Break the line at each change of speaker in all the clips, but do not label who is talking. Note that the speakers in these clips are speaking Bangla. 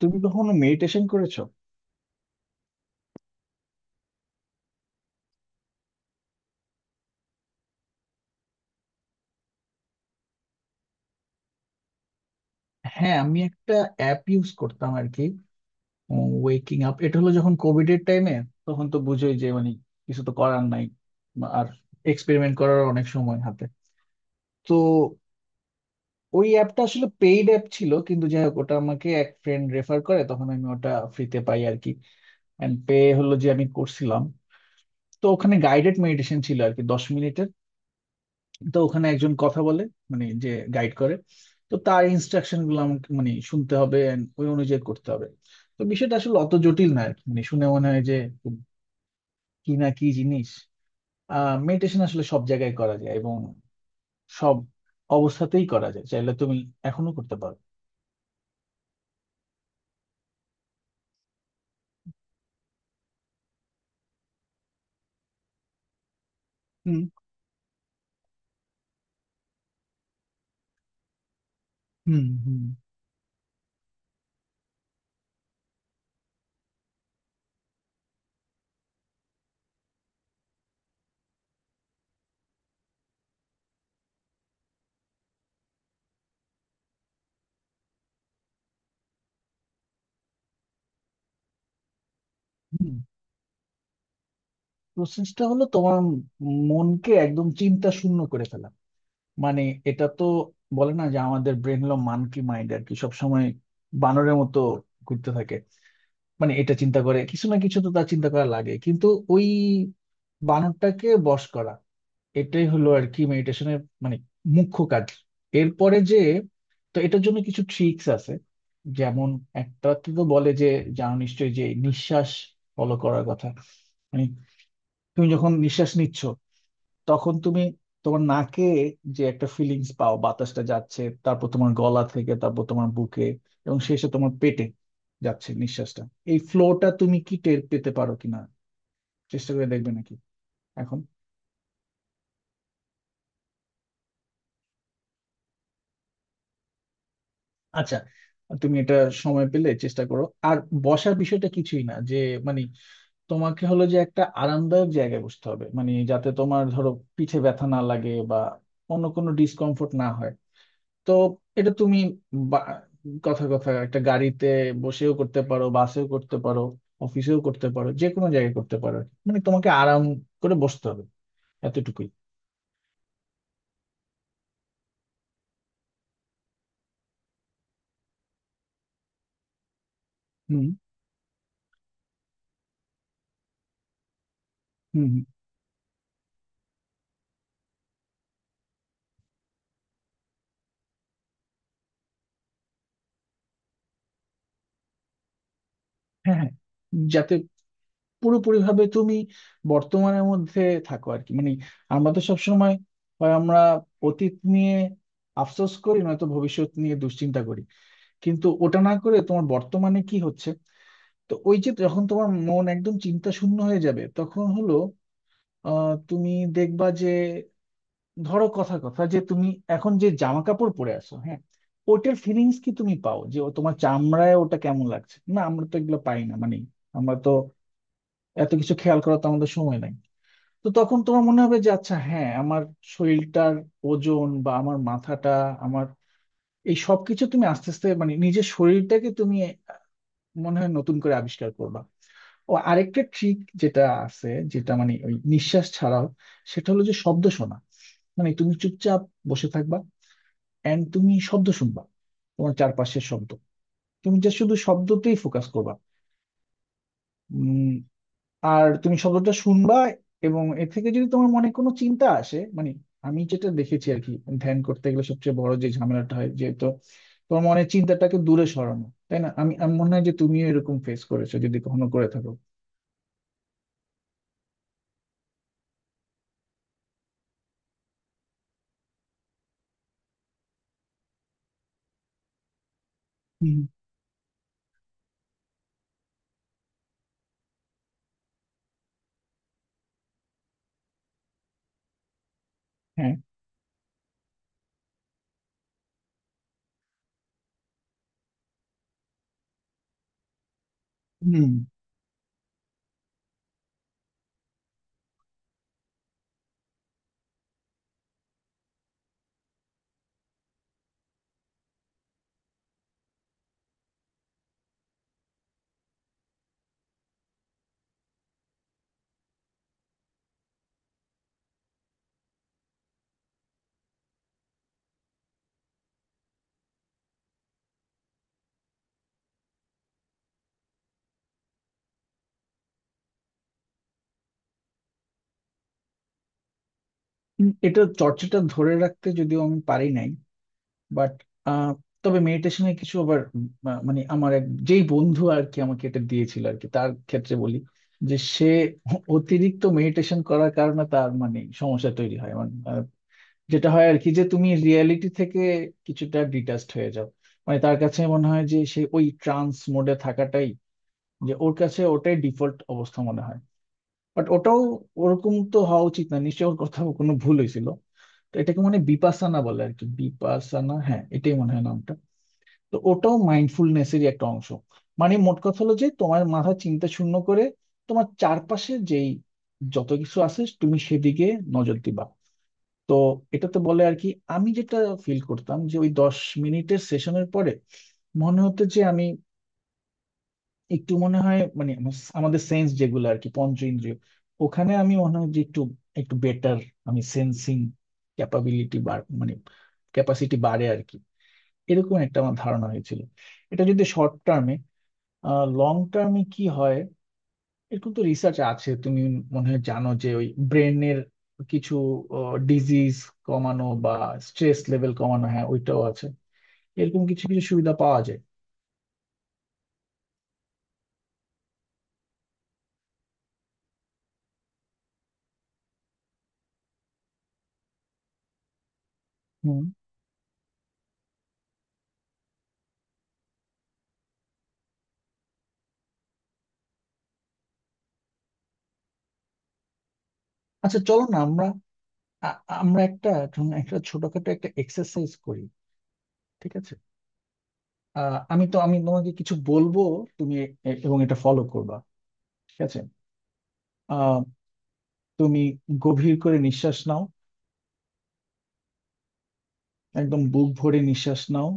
তুমি কখনো মেডিটেশন করেছো? হ্যাঁ, আমি একটা অ্যাপ ইউজ করতাম আর কি, ওয়েকিং আপ। এটা হলো যখন কোভিড এর টাইমে, তখন তো বুঝোই যে মানে কিছু তো করার নাই, বা আর এক্সপেরিমেন্ট করার অনেক সময় হাতে। তো ওই অ্যাপটা আসলে পেইড অ্যাপ ছিল, কিন্তু যাই হোক ওটা আমাকে এক ফ্রেন্ড রেফার করে, তখন আমি ওটা ফ্রিতে পাই আর কি। অ্যান্ড পে হলো যে আমি করছিলাম। তো ওখানে গাইডেড মেডিটেশন ছিল আর কি, 10 মিনিটের। তো ওখানে একজন কথা বলে, মানে যে গাইড করে। তো তার ইনস্ট্রাকশন গুলো আমাকে মানে শুনতে হবে and ওই অনুযায়ী করতে হবে। তো বিষয়টা আসলে অত জটিল না আর কি। মানে শুনে মনে হয় যে খুব কি না কি জিনিস। মেডিটেশন আসলে সব জায়গায় করা যায় এবং সব অবস্থাতেই করা যায়, চাইলে তুমি এখনো করতে পারো। হুম। হুম। হুম। হুম। প্রসেসটা হলো তোমার মনকে একদম চিন্তা শূন্য করে ফেলা। মানে এটা তো বলে না যে আমাদের ব্রেন হলো মানকি মাইন্ড আর কি, সবসময় বানরের মতো ঘুরতে থাকে। মানে এটা চিন্তা করে কিছু না কিছু, তো তার চিন্তা করা লাগে, কিন্তু ওই বানরটাকে বশ করা, এটাই হলো আর কি মেডিটেশনের মানে মুখ্য কাজ। এরপরে যে, তো এটার জন্য কিছু ট্রিক্স আছে। যেমন একটা তো বলে যে, জানো নিশ্চয়ই যে নিঃশ্বাস ফলো করার কথা। মানে তুমি যখন নিঃশ্বাস নিচ্ছ, তখন তুমি তোমার নাকে যে একটা ফিলিংস পাও, বাতাসটা যাচ্ছে, তারপর তোমার গলা থেকে, তারপর তোমার বুকে এবং শেষে তোমার পেটে যাচ্ছে নিঃশ্বাসটা। এই ফ্লোটা তুমি কি টের পেতে পারো কিনা? চেষ্টা করে দেখবে নাকি এখন? আচ্ছা, তুমি এটা সময় পেলে চেষ্টা করো। আর বসার বিষয়টা কিছুই না, যে মানে তোমাকে হলো যে একটা আরামদায়ক জায়গায় বসতে হবে, মানে যাতে তোমার ধরো পিঠে ব্যথা না লাগে বা অন্য কোনো ডিসকমফোর্ট না হয়। তো এটা তুমি বা- কথা কথা একটা গাড়িতে বসেও করতে পারো, বাসেও করতে পারো, অফিসেও করতে পারো, যে কোনো জায়গায় করতে পারো। মানে তোমাকে আরাম করে বসতে হবে, এতটুকুই। হুম। হুম। হুম। হ্যাঁ, হ্যাঁ। যাতে পুরোপুরি ভাবে তুমি বর্তমানের মধ্যে থাকো আর কি। মানে আমরা তো সবসময় হয় আমরা অতীত নিয়ে আফসোস করি, নয়তো ভবিষ্যৎ নিয়ে দুশ্চিন্তা করি। কিন্তু ওটা না করে তোমার বর্তমানে কি হচ্ছে। তো ওই যে যখন তোমার মন একদম চিন্তা শূন্য হয়ে যাবে তখন হলো, তুমি দেখবা যে, ধরো কথা কথা যে তুমি এখন যে জামা কাপড় পরে আছো, হ্যাঁ, ওটার ফিলিংস কি তুমি পাও যে ও তোমার চামড়ায় ওটা কেমন লাগছে? না, আমরা তো এগুলো পাই না। মানে আমরা তো এত কিছু খেয়াল করার তো আমাদের সময় নাই। তো তখন তোমার মনে হবে যে আচ্ছা হ্যাঁ আমার শরীরটার ওজন বা আমার মাথাটা, আমার এই সবকিছু তুমি আস্তে আস্তে, মানে নিজের শরীরটাকে তুমি মনে হয় নতুন করে আবিষ্কার করবা। ও, আরেকটা ট্রিক যেটা আছে, যেটা মানে ওই নিঃশ্বাস ছাড়াও, সেটা হলো যে শব্দ শোনা। মানে তুমি চুপচাপ বসে থাকবা এন্ড তুমি শব্দ শুনবা, তোমার চারপাশের শব্দ। তুমি যা শুধু শব্দতেই ফোকাস করবা। উম, আর তুমি শব্দটা শুনবা। এবং এ থেকে যদি তোমার মনে কোনো চিন্তা আসে, মানে আমি যেটা দেখেছি আর কি, ধ্যান করতে গেলে সবচেয়ে বড় যে ঝামেলাটা হয় যেহেতু তোমার মনে চিন্তাটাকে দূরে সরানো, তাই না? আমি আমি মনে হয় যে তুমিও এরকম ফেস করেছো যদি কখনো করে থাকো। হুম। হ্যাঁ। হুম। এটা চর্চাটা ধরে রাখতে যদিও আমি পারি নাই, বাট তবে মেডিটেশনের কিছু আবার মানে আমার এক যেই বন্ধু আর কি আমাকে এটা দিয়েছিল আর কি, তার ক্ষেত্রে বলি। যে সে অতিরিক্ত মেডিটেশন করার কারণে তার মানে সমস্যা তৈরি হয়। মানে যেটা হয় আর কি, যে তুমি রিয়েলিটি থেকে কিছুটা ডিটাচড হয়ে যাও। মানে তার কাছে মনে হয় যে সে ওই ট্রান্স মোডে থাকাটাই, যে ওর কাছে ওটাই ডিফল্ট অবস্থা মনে হয়। বাট ওটাও ওরকম তো হওয়া উচিত না, নিশ্চয়ই ওর কোথাও কোনো ভুল হয়েছিল। তো এটাকে মানে বিপাসানা বলে আর কি, বিপাসানা, হ্যাঁ এটাই মনে হয় নামটা। তো ওটাও মাইন্ডফুলনেসেরই একটা অংশ। মানে মোট কথা হলো যে তোমার মাথা চিন্তা শূন্য করে তোমার চারপাশে যেই যত কিছু আছে তুমি সেদিকে নজর দিবা। তো এটাতে বলে আর কি, আমি যেটা ফিল করতাম যে ওই 10 মিনিটের সেশনের পরে মনে হতো যে আমি একটু মনে হয় মানে আমাদের সেন্স যেগুলো আর কি, পঞ্চ ইন্দ্রিয়, ওখানে আমি মনে হয় যে একটু একটু বেটার, আমি সেন্সিং ক্যাপাবিলিটি মানে ক্যাপাসিটি বাড়ে আর কি, এরকম একটা আমার ধারণা হয়েছিল। এটা যদি শর্ট টার্মে, লং টার্মে কি হয়, এরকম তো রিসার্চ আছে, তুমি মনে হয় জানো, যে ওই ব্রেনের কিছু ডিজিজ কমানো বা স্ট্রেস লেভেল কমানো, হ্যাঁ ওইটাও আছে। এরকম কিছু কিছু সুবিধা পাওয়া যায়। হুম। আচ্ছা, চলো না আমরা আ- আমরা একটা, ধরুন একটা ছোটখাটো একটা এক্সারসাইজ করি, ঠিক আছে? আমি তোমাকে কিছু বলবো, তুমি এবং এটা ফলো করবা, ঠিক আছে? আহ, তুমি গভীর করে নিঃশ্বাস নাও, একদম বুক ভরে নিঃশ্বাস নাও,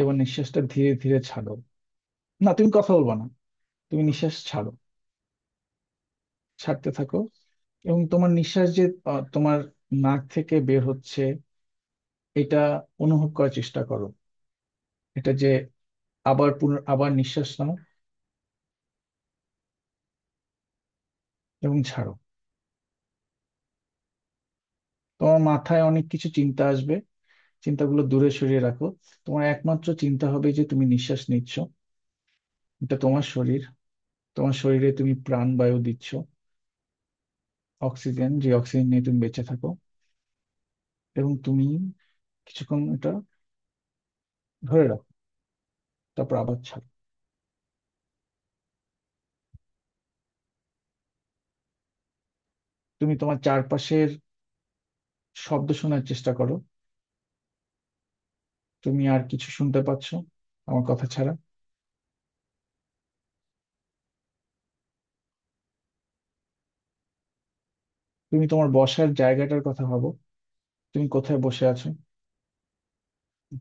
এবং নিঃশ্বাসটা ধীরে ধীরে ছাড়ো। না, তুমি কথা বলবা না, তুমি নিঃশ্বাস ছাড়ো। ছাড়তে থাকো। এবং তোমার নিঃশ্বাস যে তোমার নাক থেকে বের হচ্ছে এটা অনুভব করার চেষ্টা করো। এটা যে, আবার আবার নিঃশ্বাস নাও এবং ছাড়ো। তোমার মাথায় অনেক কিছু চিন্তা আসবে, চিন্তাগুলো দূরে সরিয়ে রাখো। তোমার একমাত্র চিন্তা হবে যে তুমি নিঃশ্বাস নিচ্ছ, এটা তোমার শরীর, তোমার শরীরে তুমি প্রাণবায়ু দিচ্ছ, অক্সিজেন, যে অক্সিজেন নিয়ে তুমি বেঁচে থাকো। এবং তুমি কিছুক্ষণ এটা ধরে রাখো, তারপর আবার ছাড়ো। তুমি তোমার চারপাশের শব্দ শোনার চেষ্টা করো। তুমি আর কিছু শুনতে পাচ্ছ আমার কথা ছাড়া? তুমি তোমার বসার জায়গাটার কথা ভাবো, তুমি কোথায় বসে আছো,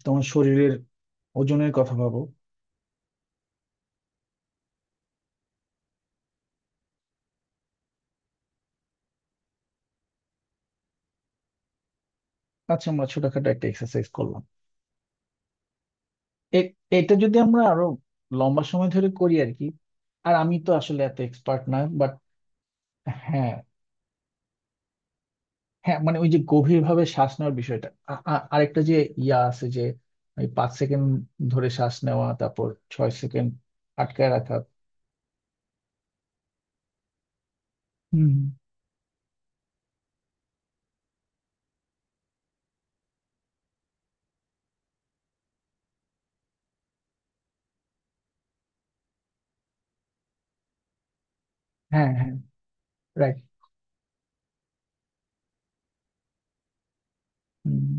তোমার শরীরের ওজনের কথা ভাবো। আচ্ছা, আমরা ছোটখাটো একটা এক্সারসাইজ করলাম। এ- এটা যদি আমরা আরো লম্বা সময় ধরে করি আর কি, আর আমি তো আসলে এত এক্সপার্ট না বাট। হ্যাঁ, হ্যাঁ, মানে ওই যে গভীর ভাবে শ্বাস নেওয়ার বিষয়টা, আরেকটা যে ইয়া আছে যে, ওই 5 সেকেন্ড ধরে শ্বাস নেওয়া, তারপর 6 সেকেন্ড আটকায় রাখা। হুম। হ্যাঁ, হ্যাঁ, রাইট। হুম।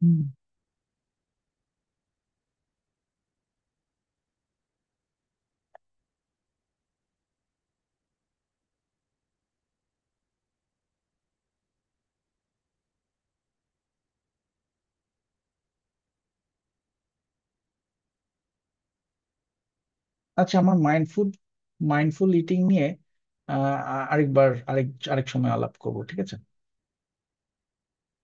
হুম। আচ্ছা, আমার মাইন্ডফুল, মাইন্ডফুল ইটিং নিয়ে আরেকবার, আরেক আরেক সময় আলাপ করবো, ঠিক আছে।